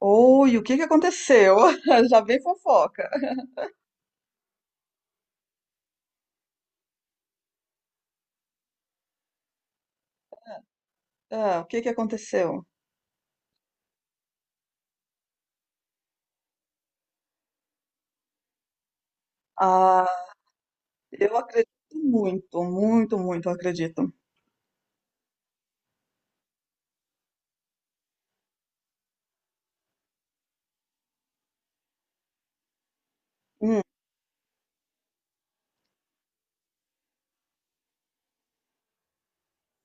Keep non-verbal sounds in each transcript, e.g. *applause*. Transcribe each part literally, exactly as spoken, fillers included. Oi, o que que aconteceu? *laughs* Já vem fofoca. É, o que que aconteceu? Ah, eu acredito muito, muito, muito, eu acredito. Hum,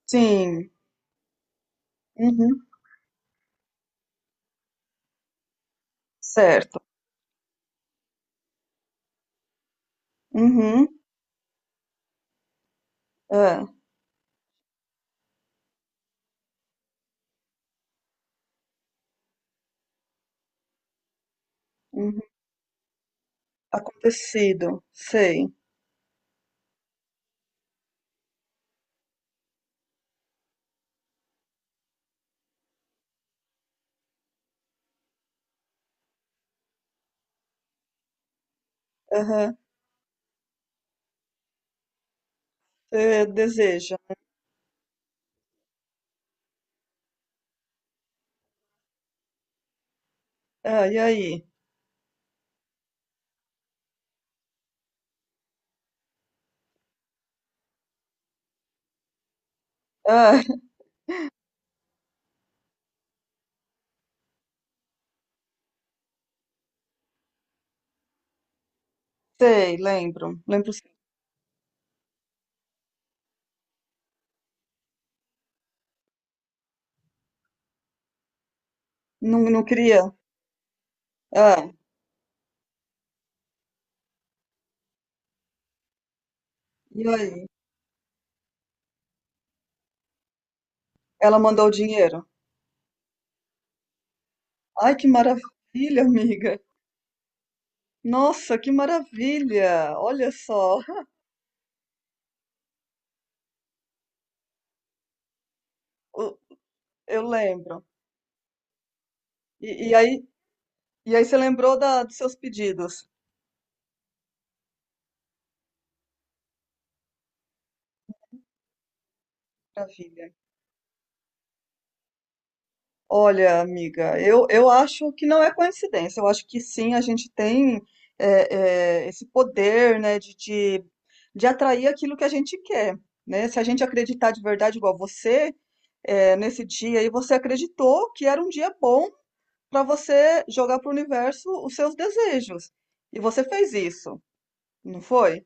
sim, uhum, certo. Uhum, é, uhum, acontecido, sei. Aham, é, deseja. Ah, e aí? Ah, *laughs* sei, lembro, lembro sim. Não, não queria. Ah, e aí? Ela mandou o dinheiro. Ai, que maravilha, amiga. Nossa, que maravilha! Olha só. O- Eu lembro. E, e aí, e aí você lembrou da, dos seus pedidos para filha. Olha, amiga, eu, eu acho que não é coincidência. Eu acho que sim, a gente tem é, é, esse poder, né, de, de, de atrair aquilo que a gente quer, né? Se a gente acreditar de verdade, igual você, é, nesse dia aí, você acreditou que era um dia bom para você jogar para o universo os seus desejos. E você fez isso, não foi?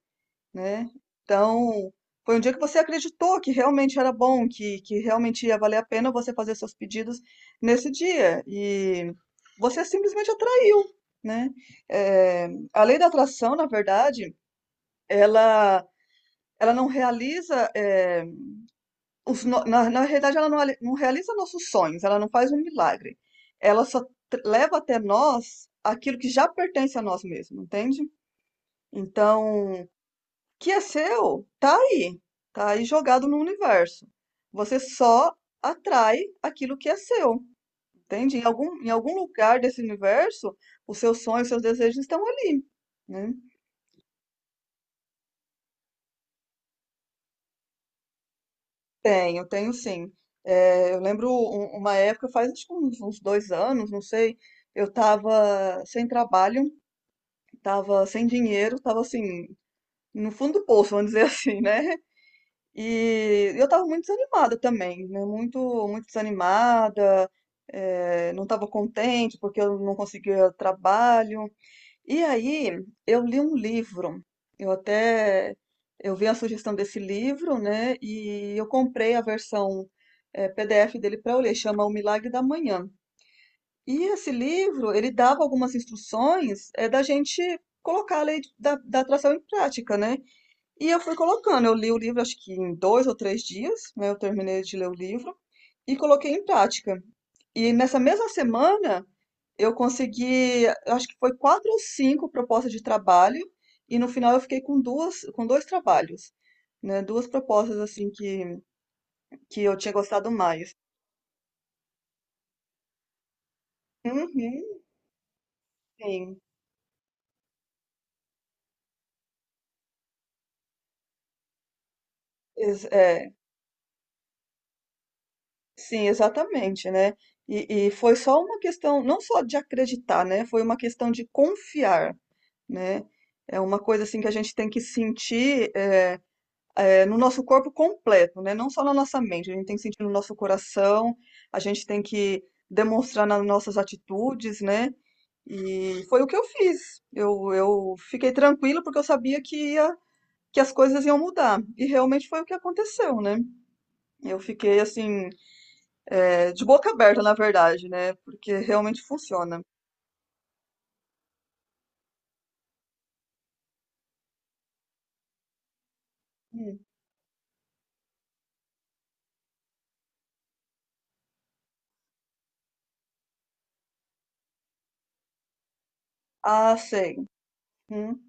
Né? Então, foi um dia que você acreditou que realmente era bom, que, que realmente ia valer a pena você fazer seus pedidos nesse dia. E você simplesmente atraiu, né? Eh, a lei da atração, na verdade, ela, ela não realiza, eh, os, no- na, na realidade, ela não, ali- não realiza nossos sonhos, ela não faz um milagre. Ela só tr- leva até nós aquilo que já pertence a nós mesmos, entende? Então, que é seu, tá aí, tá aí jogado no universo. Você só atrai aquilo que é seu, entende? Em algum, em algum lugar desse universo, os seus sonhos, os seus desejos estão ali, né? Tenho, tenho sim. É, eu lembro um- uma época, faz acho que uns, uns dois anos, não sei, eu tava sem trabalho, tava sem dinheiro, tava assim, no fundo do poço, vamos dizer *laughs* assim, né? E eu tava muito desanimada também, né? Muito, muito desanimada, eh, não tava contente porque eu não conseguia trabalho. E aí eu li um livro, eu até eu vi a sugestão desse livro, né? E eu comprei a versão eh, P D F dele para eu ler, chama O Milagre da Manhã. E esse livro, ele dava algumas instruções eh, da gente colocar a lei da, da atração em prática, né? E eu fui colocando. Eu li o livro, acho que em dois ou três dias, né? Eu terminei de ler o livro e coloquei em prática. E nessa mesma semana, eu consegui, acho que foi quatro ou cinco propostas de trabalho, e no final eu fiquei com duas, com dois trabalhos, né? Duas propostas, assim, que, que eu tinha gostado mais. Uhum, sim, Ex- é, sim, exatamente, né? E, e foi só uma questão, não só de acreditar, né? Foi uma questão de confiar. Né? É uma coisa assim que a gente tem que sentir eh, eh, no nosso corpo completo, né? Não só na nossa mente, a gente tem que sentir no nosso coração, a gente tem que demonstrar nas nossas atitudes, né? E foi o que eu fiz. Eu, eu fiquei tranquila porque eu sabia que ia, que as coisas iam mudar. E realmente foi o que aconteceu, né? Eu fiquei assim, eh, de boca aberta, na verdade, né? Porque realmente funciona. Hum. Ah, sei. Uhum,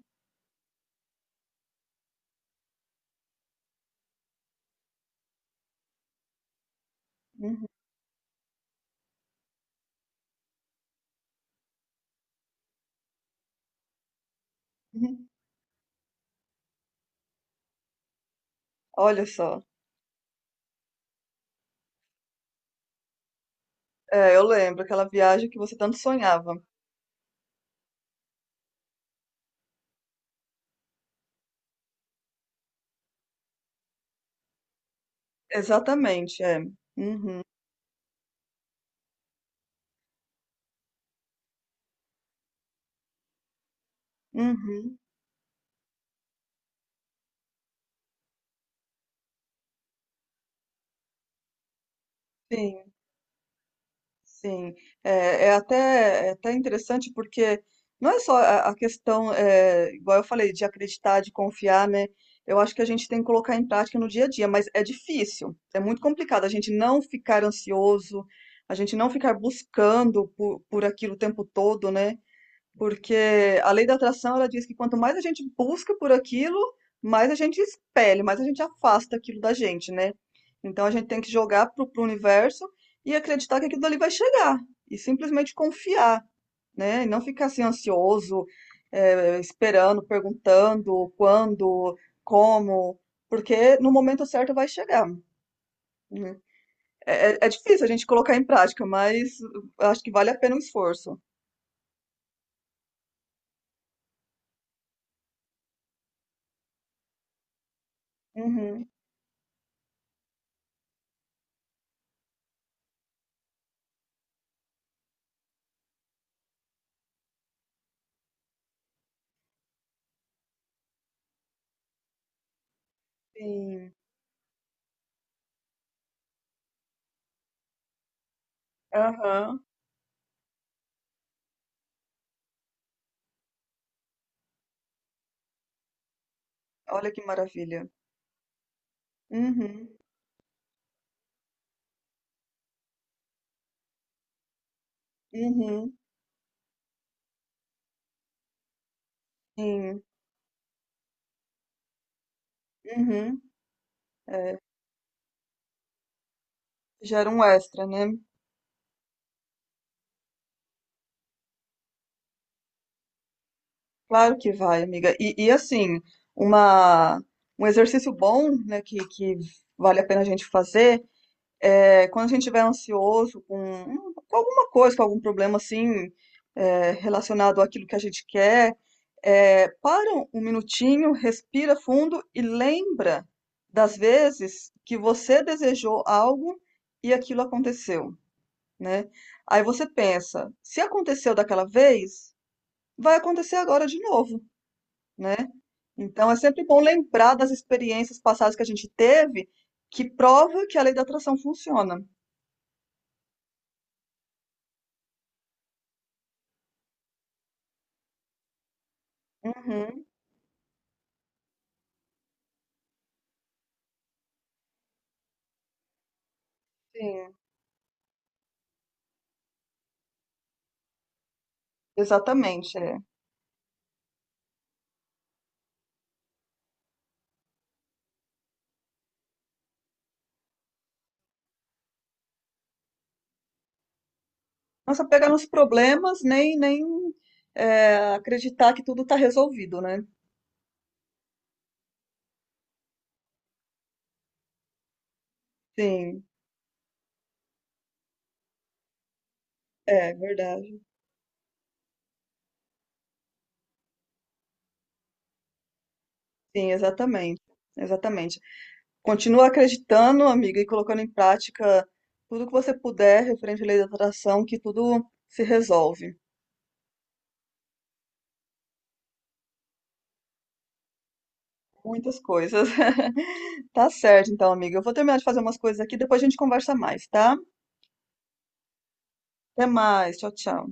uhum, uhum. Olha só. É, eu lembro, aquela viagem que você tanto sonhava. Exatamente, é. Uhum, uhum, sim, sim. É, é até, é até interessante porque não é só a, a questão, é, igual eu falei, de acreditar, de confiar, né? Eu acho que a gente tem que colocar em prática no dia a dia, mas é difícil, é muito complicado a gente não ficar ansioso, a gente não ficar buscando por, por aquilo o tempo todo, né? Porque a lei da atração, ela diz que quanto mais a gente busca por aquilo, mais a gente expele, mais a gente afasta aquilo da gente, né? Então a gente tem que jogar pro, pro universo e acreditar que aquilo dali vai chegar. E simplesmente confiar, né? E não ficar assim ansioso, eh, esperando, perguntando quando, como, porque no momento certo vai chegar. Né? É, é- é difícil a gente colocar em prática, mas acho que vale a pena o esforço. Uhum, sim. Aham. Olha que maravilha. Uhum, uhum, sim, uhum. É, gera um extra, né? Claro que vai, amiga. E, e assim, uma, um exercício bom, né, que, que vale a pena a gente fazer, é quando a gente estiver ansioso com, um- com alguma coisa, com algum problema assim, é, relacionado àquilo que a gente quer, é, para um minutinho, respira fundo e lembra das vezes que você desejou algo e aquilo aconteceu. Né? Aí você pensa, se aconteceu daquela vez, vai acontecer agora de novo, né? Então é sempre bom lembrar das experiências passadas que a gente teve, que prova que a lei da atração funciona. Uhum, sim, exatamente. É. Não é só pegar nos problemas, nem, nem é, acreditar que tudo está resolvido, né? Sim, é verdade. Sim, exatamente. Exatamente. Continua acreditando, amiga, e colocando em prática tudo que você puder referente à lei da atração, que tudo se resolve. Muitas coisas. *laughs* Tá certo, então, amiga. Eu vou terminar de fazer umas coisas aqui, depois a gente conversa mais, tá? Até mais. Tchau, tchau.